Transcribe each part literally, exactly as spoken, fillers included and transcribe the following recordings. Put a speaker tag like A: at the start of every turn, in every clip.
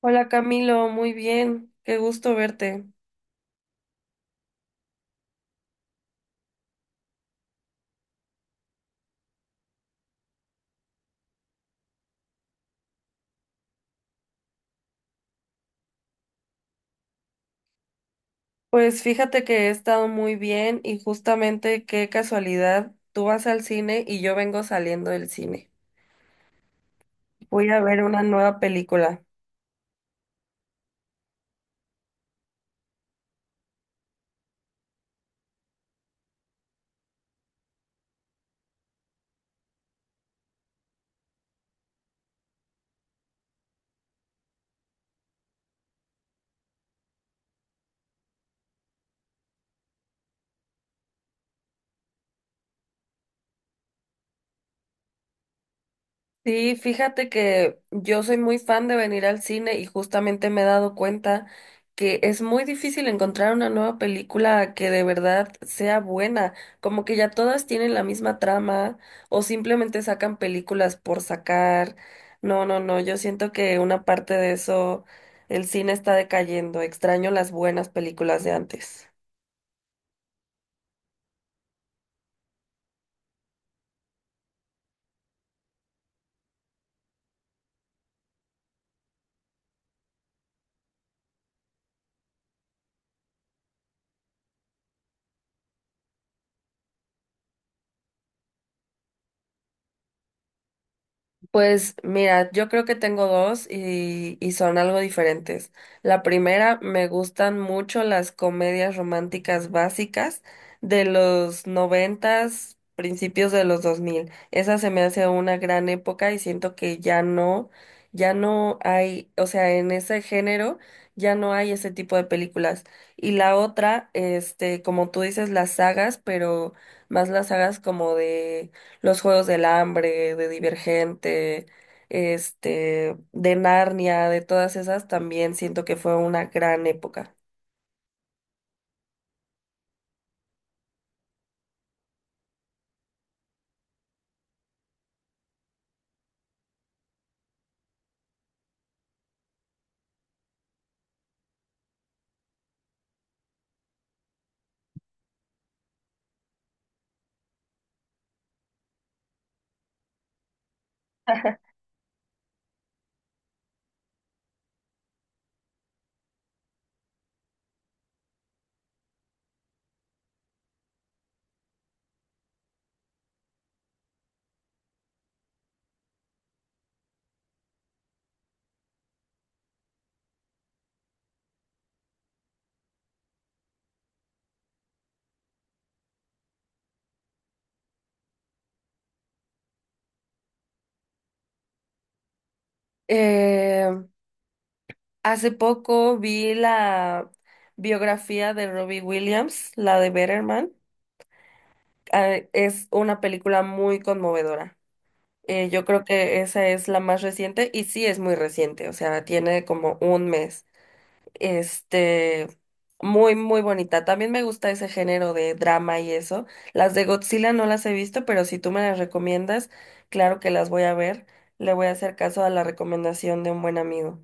A: Hola Camilo, muy bien, qué gusto verte. Pues fíjate que he estado muy bien y justamente qué casualidad, tú vas al cine y yo vengo saliendo del cine. Voy a ver una nueva película. Sí, fíjate que yo soy muy fan de venir al cine y justamente me he dado cuenta que es muy difícil encontrar una nueva película que de verdad sea buena, como que ya todas tienen la misma trama o simplemente sacan películas por sacar. No, no, no, yo siento que una parte de eso, el cine está decayendo, extraño las buenas películas de antes. Pues mira, yo creo que tengo dos y, y son algo diferentes. La primera, me gustan mucho las comedias románticas básicas de los noventas, principios de los dos mil. Esa se me hace una gran época y siento que ya no, ya no hay, o sea, en ese género ya no hay ese tipo de películas. Y la otra, este, como tú dices, las sagas, pero más las sagas como de los Juegos del Hambre, de Divergente, este, de Narnia, de todas esas, también siento que fue una gran época. Eh, hace poco vi la biografía de Robbie Williams, la de Better Man. Ah, es una película muy conmovedora. Eh, yo creo que esa es la más reciente y sí es muy reciente, o sea, tiene como un mes. Este, muy, muy bonita. También me gusta ese género de drama y eso. Las de Godzilla no las he visto, pero si tú me las recomiendas, claro que las voy a ver. Le voy a hacer caso a la recomendación de un buen amigo.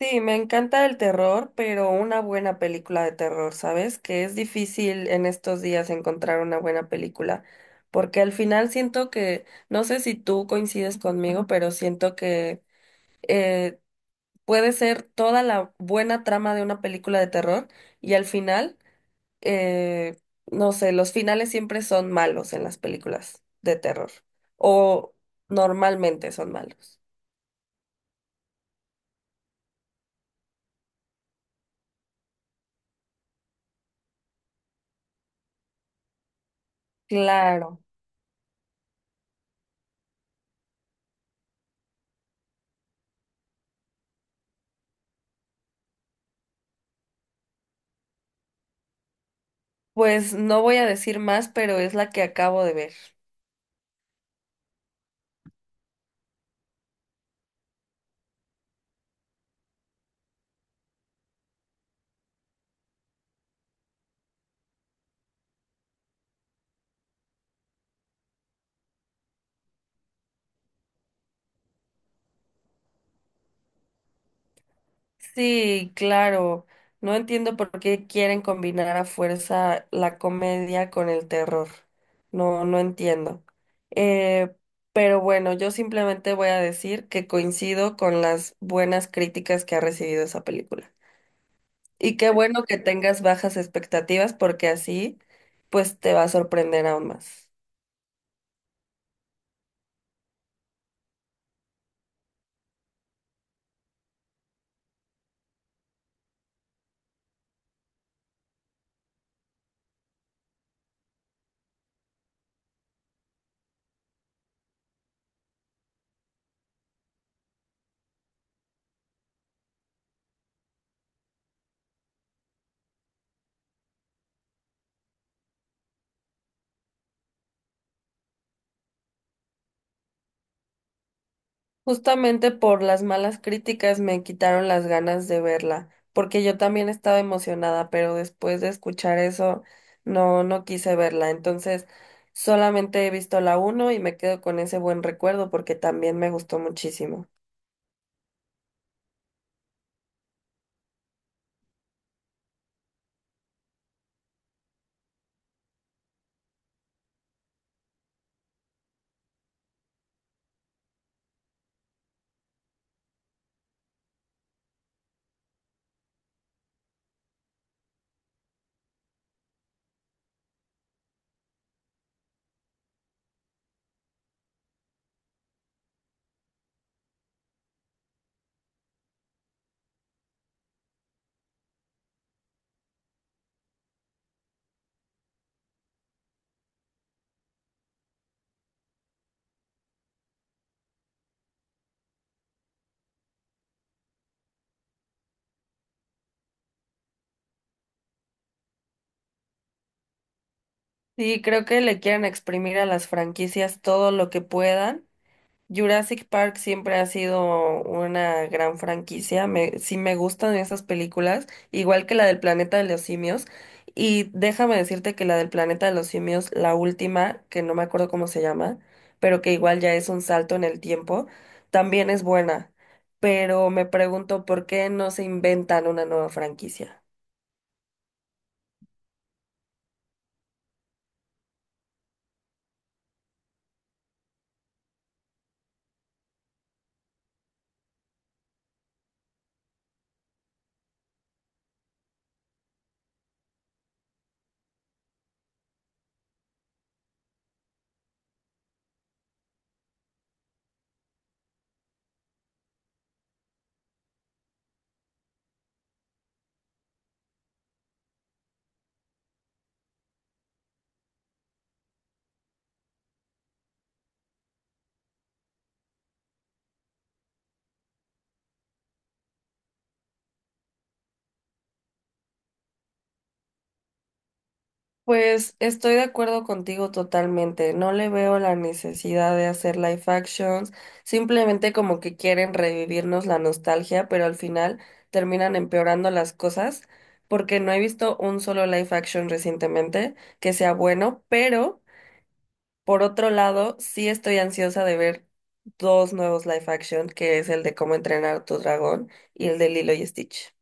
A: Sí, me encanta el terror, pero una buena película de terror, ¿sabes? Que es difícil en estos días encontrar una buena película, porque al final siento que, no sé si tú coincides conmigo, pero siento que eh, Puede ser toda la buena trama de una película de terror y al final, eh, no sé, los finales siempre son malos en las películas de terror o normalmente son malos. Claro, pues no voy a decir más, pero es la que acabo de ver. Sí, claro. No entiendo por qué quieren combinar a fuerza la comedia con el terror. No, no entiendo. Eh, pero bueno, yo simplemente voy a decir que coincido con las buenas críticas que ha recibido esa película. Y qué bueno que tengas bajas expectativas porque así, pues te va a sorprender aún más. Justamente por las malas críticas me quitaron las ganas de verla, porque yo también estaba emocionada, pero después de escuchar eso no no quise verla. Entonces, solamente he visto la uno y me quedo con ese buen recuerdo porque también me gustó muchísimo. Sí, creo que le quieren exprimir a las franquicias todo lo que puedan. Jurassic Park siempre ha sido una gran franquicia. Me, sí me gustan esas películas, igual que la del Planeta de los Simios. Y déjame decirte que la del Planeta de los Simios, la última, que no me acuerdo cómo se llama, pero que igual ya es un salto en el tiempo, también es buena. Pero me pregunto por qué no se inventan una nueva franquicia. Pues estoy de acuerdo contigo totalmente. No le veo la necesidad de hacer live actions. Simplemente como que quieren revivirnos la nostalgia, pero al final terminan empeorando las cosas porque no he visto un solo live action recientemente que sea bueno, pero por otro lado, sí estoy ansiosa de ver dos nuevos live action, que es el de Cómo entrenar a tu dragón y el de Lilo y Stitch.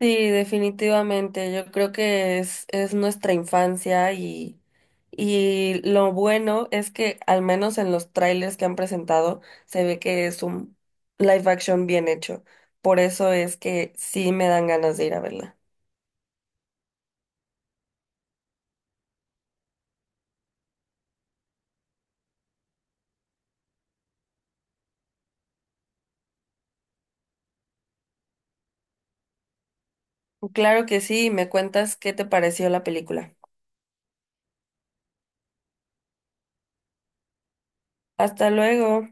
A: Sí, definitivamente. Yo creo que es, es nuestra infancia y, y lo bueno es que al menos en los trailers que han presentado se ve que es un live action bien hecho. Por eso es que sí me dan ganas de ir a verla. Claro que sí, me cuentas qué te pareció la película. Hasta luego.